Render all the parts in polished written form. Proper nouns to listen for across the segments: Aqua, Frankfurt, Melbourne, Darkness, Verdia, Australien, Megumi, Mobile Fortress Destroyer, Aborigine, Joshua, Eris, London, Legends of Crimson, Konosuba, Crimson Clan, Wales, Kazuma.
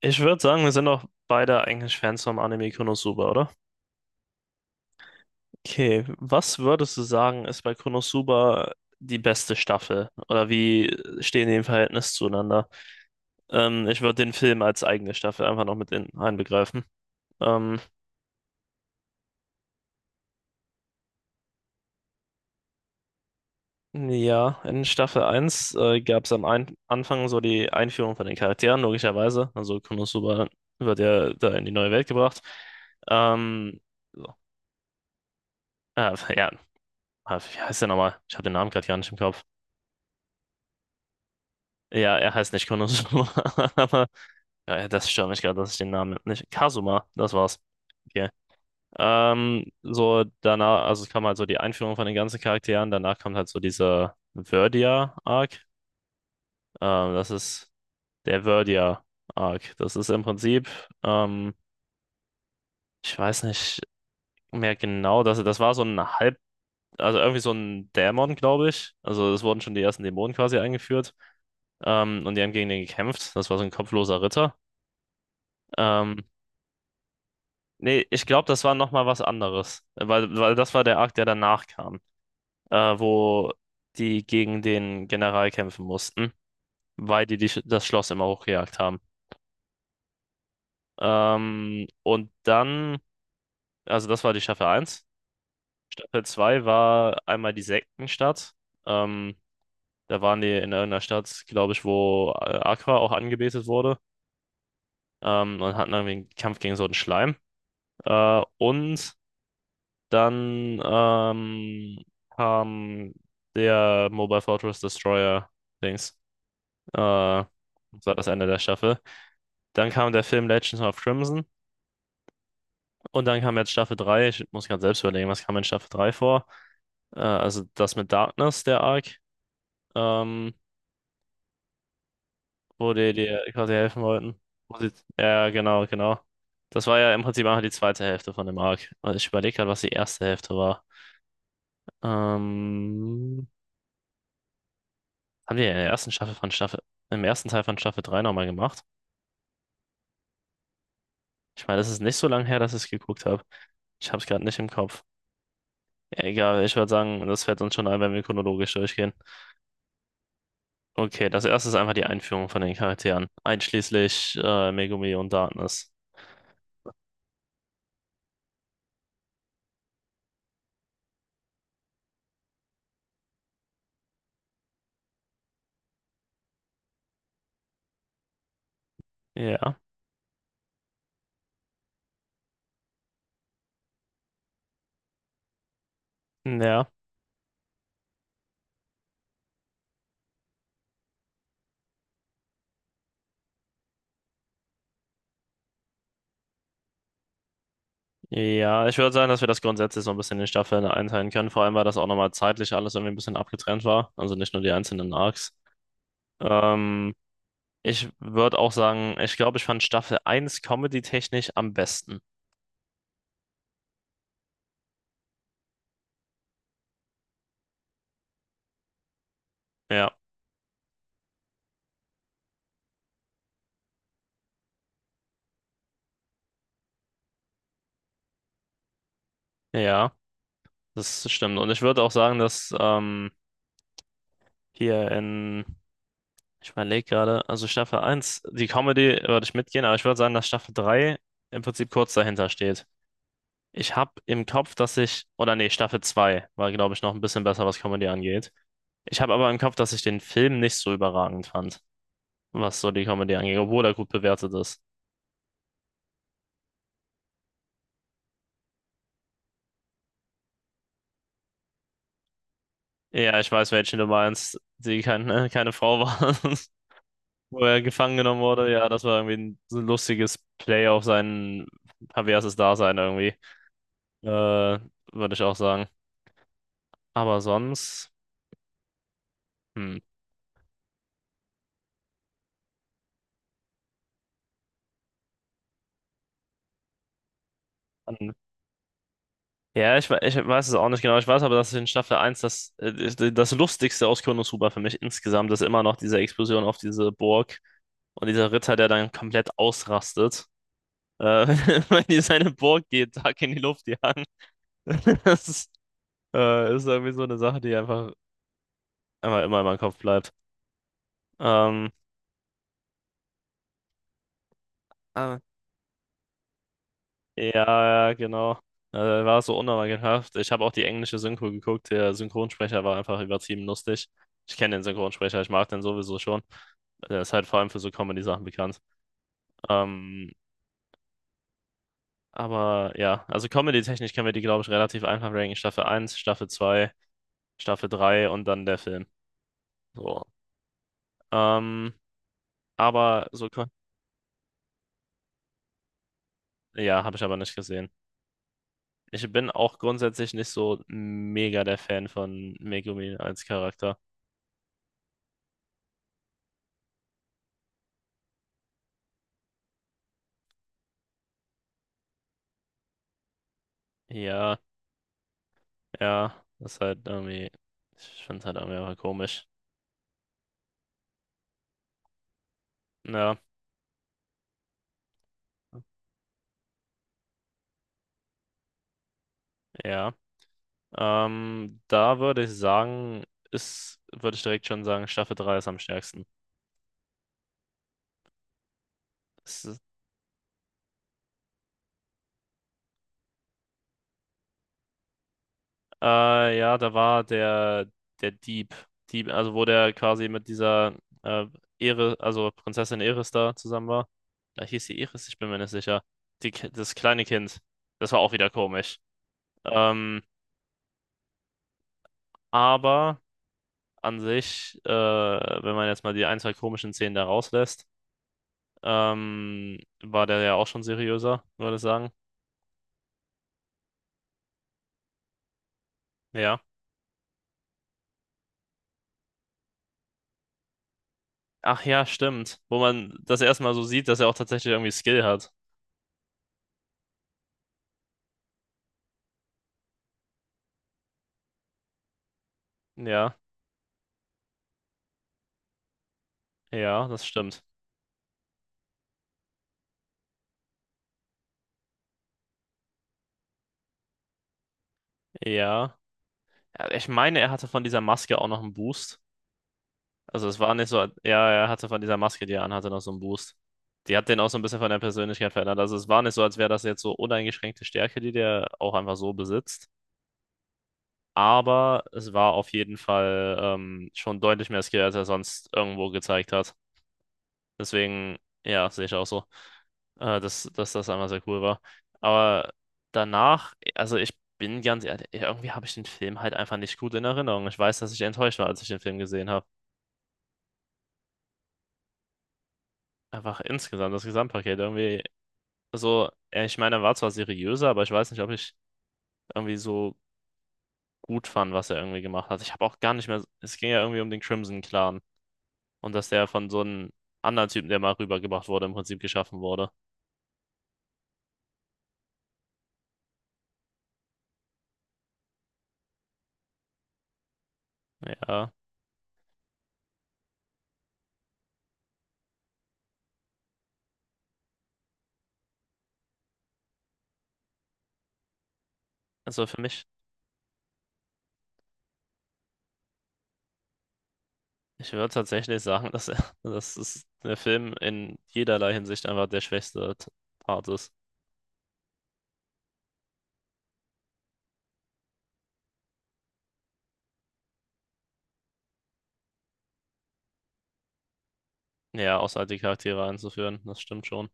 Ich würde sagen, wir sind auch beide eigentlich Fans vom Anime Konosuba, oder? Okay, was würdest du sagen, ist bei Konosuba die beste Staffel? Oder wie stehen die im Verhältnis zueinander? Ich würde den Film als eigene Staffel einfach noch mit in einbegreifen. Ähm, ja, in Staffel eins gab es am ein Anfang so die Einführung von den Charakteren, logischerweise. Also Konosuba wird ja da in die neue Welt gebracht. Ähm, so. Ja, wie heißt der nochmal? Ich habe den Namen gerade gar nicht im Kopf. Ja, er heißt nicht Konosuba, aber ja, das stört mich gerade, dass ich den Namen nicht. Kazuma, das war's. Okay. So danach, also es kam halt so die Einführung von den ganzen Charakteren, danach kommt halt so dieser Verdia-Arc. Das ist der Verdia-Arc. Das ist im Prinzip, ähm, ich weiß nicht mehr genau, das war so ein halb, also irgendwie so ein Dämon, glaube ich. Also es wurden schon die ersten Dämonen quasi eingeführt. Und die haben gegen den gekämpft. Das war so ein kopfloser Ritter. Ähm, Nee, ich glaube, das war nochmal was anderes. Weil das war der Arc, der danach kam, wo die gegen den General kämpfen mussten, weil die das Schloss immer hochgejagt haben. Ähm, und dann, also das war die Staffel eins. Staffel 2 war einmal die Sektenstadt. Ähm, Da waren die in irgendeiner Stadt, glaube ich, wo Aqua auch angebetet wurde. Und hatten irgendwie einen Kampf gegen so einen Schleim. Und Dann Kam der Mobile Fortress Destroyer Dings. Das war das Ende der Staffel. Dann kam der Film Legends of Crimson. Und dann kam jetzt Staffel 3. Ich muss gerade selbst überlegen, was kam in Staffel 3 vor? Also das mit Darkness, der Arc, ähm, wo die dir quasi helfen wollten. Wo sie, ja, genau, genau. Das war ja im Prinzip einfach die zweite Hälfte von dem Arc. Also ich überlege gerade, was die erste Hälfte war. Ähm, Haben die in der ersten Staffel von im ersten Teil von Staffel 3 nochmal gemacht? Ich meine, das ist nicht so lange her, dass ich es geguckt habe. Ich habe es gerade nicht im Kopf. Egal, ich würde sagen, das fällt uns schon ein, wenn wir chronologisch durchgehen. Okay, das erste ist einfach die Einführung von den Charakteren, einschließlich Megumi und Darkness. Ja, ja, ja. Ich würde sagen, dass wir das grundsätzlich so ein bisschen in Staffeln einteilen können. Vor allem, weil das auch nochmal zeitlich alles irgendwie ein bisschen abgetrennt war. Also nicht nur die einzelnen Arcs. Ähm, Ich würde auch sagen, ich glaube, ich fand Staffel eins comedy-technisch am besten. Ja, ja, das stimmt. Und ich würde auch sagen, dass hier in, ich überlege gerade, also Staffel eins die Comedy würde ich mitgehen, aber ich würde sagen, dass Staffel 3 im Prinzip kurz dahinter steht. Ich habe im Kopf, dass ich, oder nee, Staffel 2 war, glaube ich, noch ein bisschen besser, was Comedy angeht. Ich habe aber im Kopf, dass ich den Film nicht so überragend fand, was so die Comedy angeht, obwohl er gut bewertet ist. Ja, ich weiß, welche du meinst, die keine Frau war, wo er gefangen genommen wurde. Ja, das war irgendwie ein, so ein lustiges Play auf sein perverses Dasein irgendwie. Äh, Würde ich auch sagen. Aber sonst, hm. An- Ja, ich weiß es auch nicht genau. Ich weiß aber, dass in Staffel eins das Lustigste aus Konosuba für mich insgesamt ist immer noch diese Explosion auf diese Burg und dieser Ritter, der dann komplett ausrastet, äh, wenn die seine Burg jeden Tag in die Luft jagen. Das ist irgendwie so eine Sache, die einfach einmal immer in meinem Kopf bleibt. Ähm, Ah, ja, ja, genau. War so unnormalhaft. Ich habe auch die englische Synchro geguckt. Der Synchronsprecher war einfach übertrieben lustig. Ich kenne den Synchronsprecher, ich mag den sowieso schon. Der ist halt vor allem für so Comedy-Sachen bekannt. Ähm, aber ja, also Comedy-technisch können wir die, glaube ich, relativ einfach ranken. Staffel eins, Staffel 2, Staffel 3 und dann der Film. So. Ähm, aber so, ko- ja, habe ich aber nicht gesehen. Ich bin auch grundsätzlich nicht so mega der Fan von Megumi als Charakter. Ja, ja, das ist halt irgendwie, ich finde es halt irgendwie einfach komisch. Ja, ja. Da würde ich sagen, würde ich direkt schon sagen, Staffel 3 ist am stärksten. Es ist, ja, der Dieb, also wo der quasi mit dieser äh, also Prinzessin Eris da zusammen war. Da hieß sie Eris, ich bin mir nicht sicher. Das kleine Kind, das war auch wieder komisch. Ähm, aber an sich, wenn man jetzt mal die ein, zwei komischen Szenen da rauslässt, war der ja auch schon seriöser, würde ich sagen. Ja. Ach ja, stimmt. Wo man das erstmal so sieht, dass er auch tatsächlich irgendwie Skill hat. Ja, ja, das stimmt. Ja. Ja, ich meine, er hatte von dieser Maske auch noch einen Boost. Also es war nicht so, ja, er hatte von dieser Maske, die er anhatte, noch so einen Boost. Die hat den auch so ein bisschen von der Persönlichkeit verändert. Also es war nicht so, als wäre das jetzt so uneingeschränkte Stärke, die der auch einfach so besitzt. Aber es war auf jeden Fall schon deutlich mehr Skill, als er sonst irgendwo gezeigt hat. Deswegen, ja, sehe ich auch so, dass das einmal sehr cool war. Aber danach, also ich bin ganz ehrlich, irgendwie habe ich den Film halt einfach nicht gut in Erinnerung. Ich weiß, dass ich enttäuscht war, als ich den Film gesehen habe. Einfach insgesamt, das Gesamtpaket irgendwie so, ich meine, er war zwar seriöser, aber ich weiß nicht, ob ich irgendwie so gut fand, was er irgendwie gemacht hat. Ich habe auch gar nicht mehr, es ging ja irgendwie um den Crimson Clan. Und dass der von so einem anderen Typen, der mal rübergebracht wurde, im Prinzip geschaffen wurde. Ja, also für mich, ich würde tatsächlich sagen, dass er, dass es der Film in jederlei Hinsicht einfach der Part ist. Ja, außer halt die Charaktere einzuführen, das stimmt schon.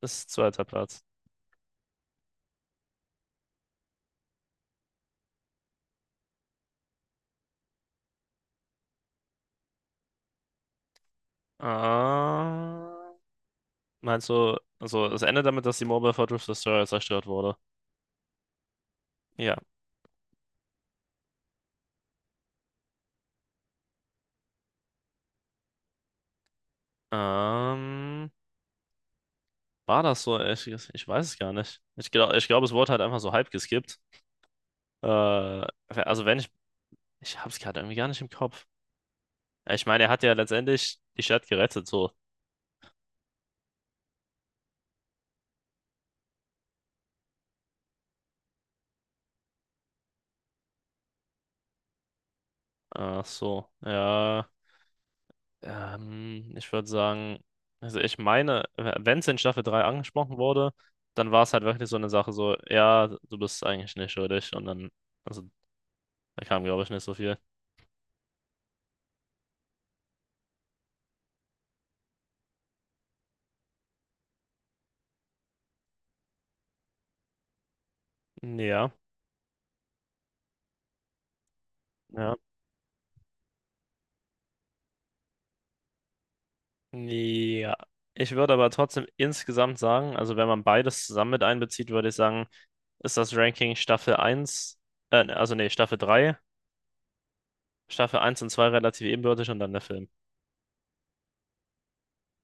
Ist zweiter Platz. Ah, meinst du, also es endet damit, dass die Mobile Fortress Destroyer zerstört wurde? Ja. Ähm, War das so? Ich weiß es gar nicht. Ich glaube, es wurde halt einfach so halb geskippt. Äh, also wenn ich Ich hab's gerade irgendwie gar nicht im Kopf. Ja, ich meine, er hat ja letztendlich die Stadt gerettet, so. Ach so, ja. Ich würde sagen, also ich meine, wenn es in Staffel 3 angesprochen wurde, dann war es halt wirklich so eine Sache, so, ja, du bist eigentlich nicht schuldig. Und dann, also da kam, glaube ich, nicht so viel. Ja, ja. Ja. Ich würde aber trotzdem insgesamt sagen, also wenn man beides zusammen mit einbezieht, würde ich sagen, ist das Ranking Staffel eins. Also nee, Staffel 3. Staffel eins und 2 relativ ebenbürtig und dann der Film.